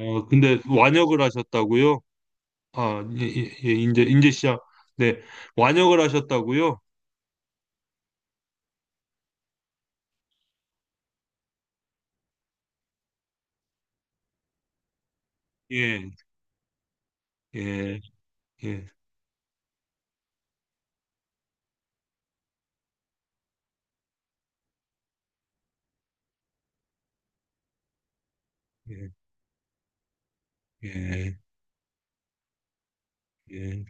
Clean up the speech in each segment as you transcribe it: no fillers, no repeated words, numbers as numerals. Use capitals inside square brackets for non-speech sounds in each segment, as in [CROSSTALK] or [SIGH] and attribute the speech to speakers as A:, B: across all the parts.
A: 근데 완역을 하셨다고요? 예, 예, 예, 이제 시작. 네, 완역을 하셨다고요? 예, 예, 예, 예, 예, 예,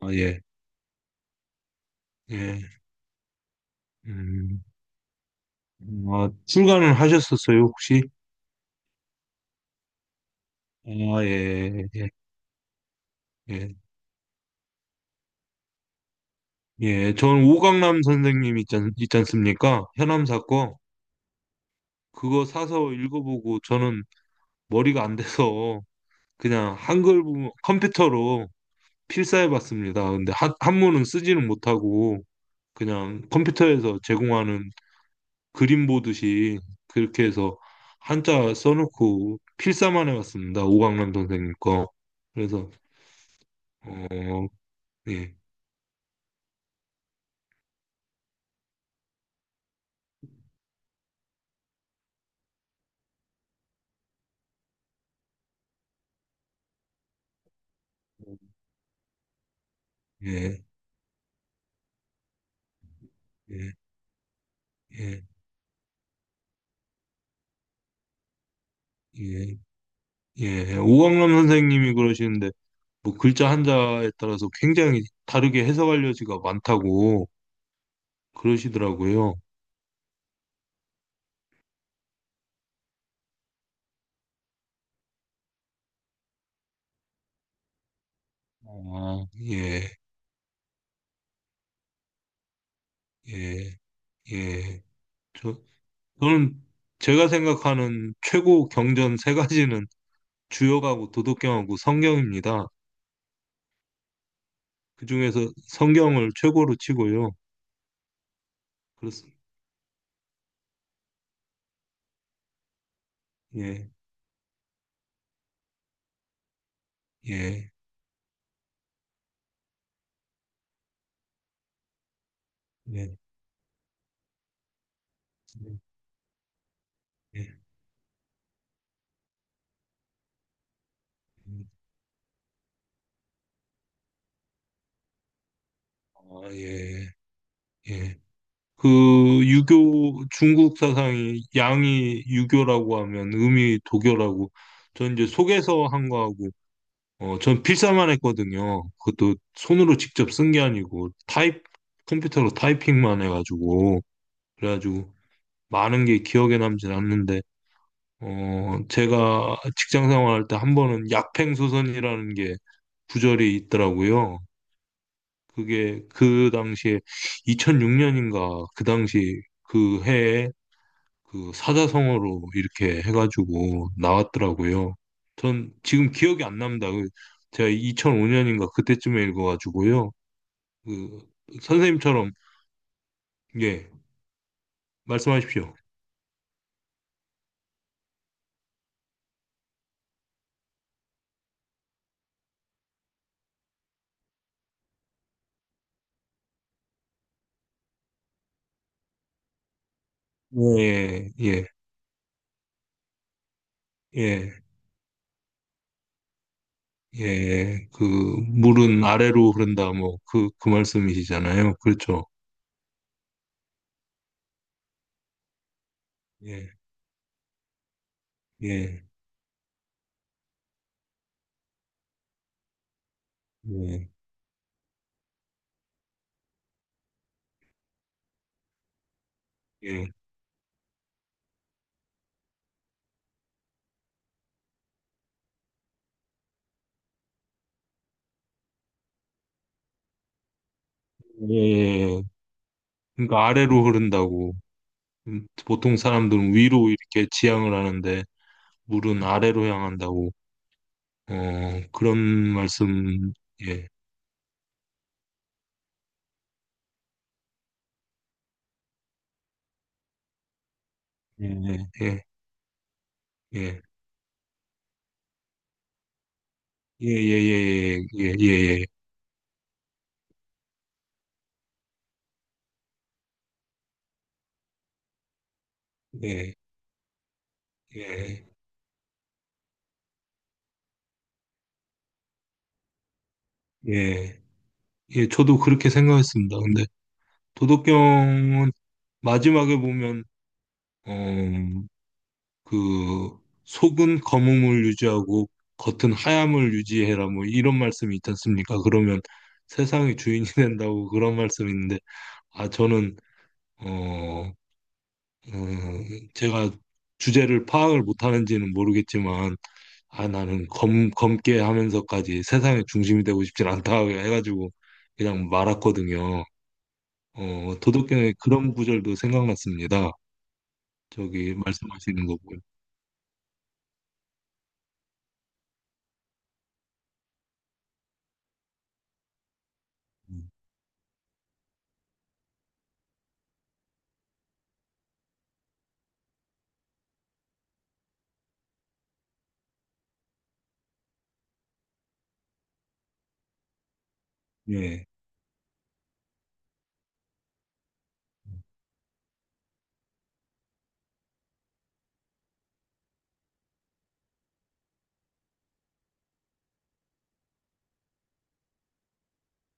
A: 아, 예, 예, 음, 아, 출간을 하셨었어요, 혹시? 아, 예, 예, 예, 예, 전 오강남 선생님 있지 않습니까? 현암 사건 그거 사서 읽어보고 저는 머리가 안 돼서 그냥 한글 부분 컴퓨터로 필사해봤습니다. 근데 한문은 쓰지는 못하고 그냥 컴퓨터에서 제공하는 그림 보듯이 그렇게 해서 한자 써놓고 필사만 해봤습니다. 오강남 선생님 거. 그래서 어, 예, 예, 예, 예, 예, 예. 오강남 선생님이 그러시는데 뭐 글자 한자에 따라서 굉장히 다르게 해석할 여지가 많다고 그러시더라고요. 아, 예, 예, 예. 저, 저는 제가 생각하는 최고 경전 세 가지는 주역하고 도덕경하고 성경입니다. 그중에서 성경을 최고로 치고요. 그렇습니다. 예, 예, 예, 예. 예. 아, 예, 예. 그 유교 중국 사상이 양이 유교라고 하면 음이 도교라고 전 이제 속에서 한 거하고 전 필사만 했거든요. 그것도 손으로 직접 쓴 게 아니고 타입 컴퓨터로 타이핑만 해가지고 그래가지고 많은 게 기억에 남진 않는데, 제가 직장 생활할 때 한 번은 약팽소선이라는 게 구절이 있더라고요. 그게 그 당시에 2006년인가 그 당시 그 해에 그 사자성어로 이렇게 해가지고 나왔더라고요. 전 지금 기억이 안 납니다. 그 제가 2005년인가 그때쯤에 읽어가지고요. 그 선생님처럼 예 말씀하십시오. 예 예, 예. 예, 그 물은 아래로 흐른다 뭐 그 말씀이시잖아요. 그렇죠. 예, 예, 예, 예, 예. 예. 예. 그러니까 아래로 흐른다고 보통 사람들은 위로 이렇게 지향을 하는데 물은 아래로 향한다고 어 그런 말씀 예, 예, 예, 예, 예, 예, 예, 예, 예, 예, 예, 예, 예, 예, 예. 예, 저도 그렇게 생각했습니다. 근데 도덕경은 마지막에 보면 어, 그 속은 검음을 유지하고 겉은 하얌을 유지해라 뭐 이런 말씀이 있지 않습니까? 그러면 세상의 주인이 [LAUGHS] 된다고 그런 말씀이 있는데 아 저는 어, 어, 제가 주제를 파악을 못하는지는 모르겠지만 아 나는 검 검게 하면서까지 세상의 중심이 되고 싶진 않다 해가지고 그냥 말았거든요. 도덕경의 그런 구절도 생각났습니다. 저기 말씀하시는 거보요 예.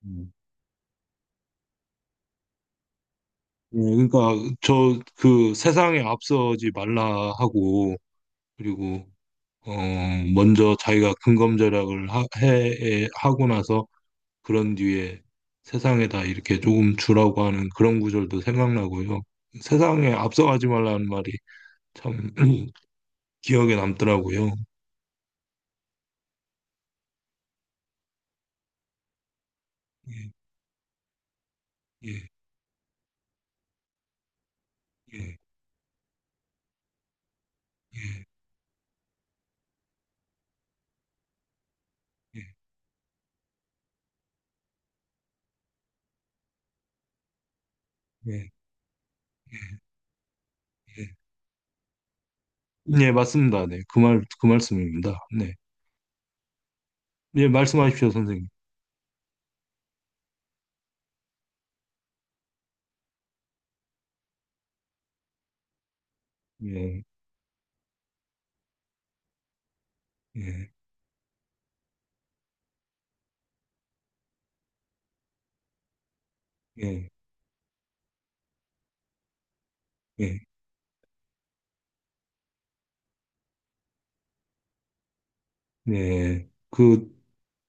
A: 음. 예, 그러니까 저 그 세상에 앞서지 말라 하고 그리고 어 먼저 자기가 근검절약을 해 하고 나서 그런 뒤에 세상에다 이렇게 조금 주라고 하는 그런 구절도 생각나고요. 세상에 앞서가지 말라는 말이 참 [CLEARS THROAT] 기억에 남더라고요. 예, 예, 예, 예, 예, 예, 예. 예, 맞습니다. 네, 그 말씀입니다. 네, 예, 말씀하십시오, 선생님. 예, 예, 예, 예. 네. 그,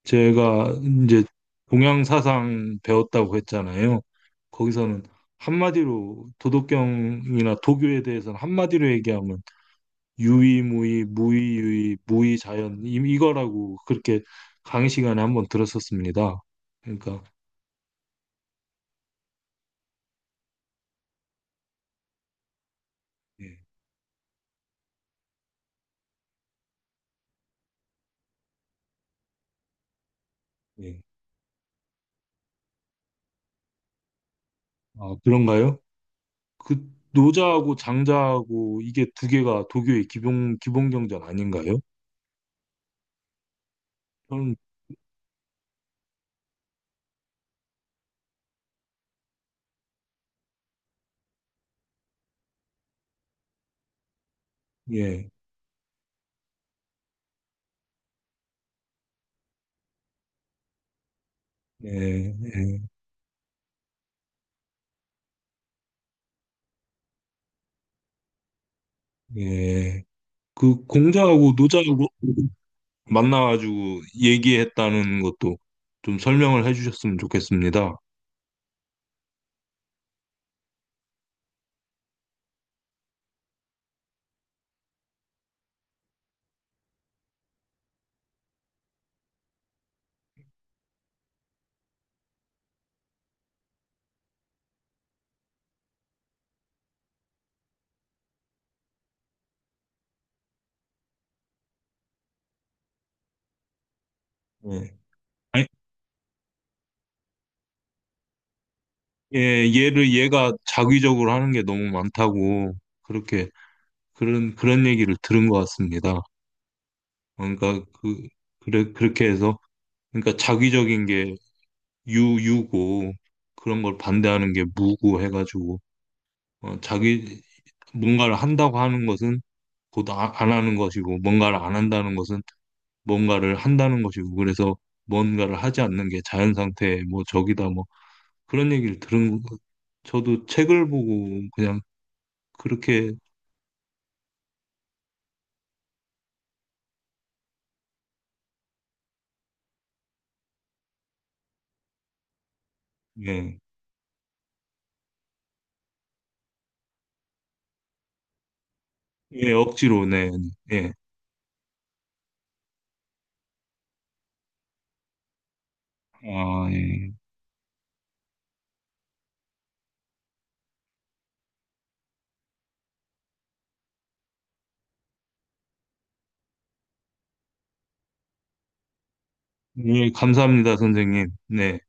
A: 제가 이제 동양 사상 배웠다고 했잖아요. 거기서는 한마디로 도덕경이나 도교에 대해서는 한마디로 얘기하면 유의무의, 무의유의, 무의자연 이거라고 그렇게 강의 시간에 한번 들었었습니다. 그러니까 예, 예. 아, 그런가요? 그 노자하고 장자하고 이게 두 개가 도교의 기본 경전 아닌가요? 저는 예, 예, 예, 예. 그 공자하고 노자하고 만나가지고 얘기했다는 것도 좀 설명을 해주셨으면 좋겠습니다. 예. 아니, 예, 얘를 얘가 자기적으로 하는 게 너무 많다고 그렇게 그런 그런 얘기를 들은 것 같습니다. 그러니까 그 그래 그렇게 해서 그러니까 자기적인 게 유유고 그런 걸 반대하는 게 무고 해가지고 자기 뭔가를 한다고 하는 것은 곧 안 하는 것이고 뭔가를 안 한다는 것은 뭔가를 한다는 것이고 그래서 뭔가를 하지 않는 게 자연 상태의 뭐 적이다 뭐 그런 얘기를 들은 거- 저도 책을 보고 그냥 그렇게 예, 예 억지로 네, 예. 아, 예. 예, 감사합니다, 선생님. 네.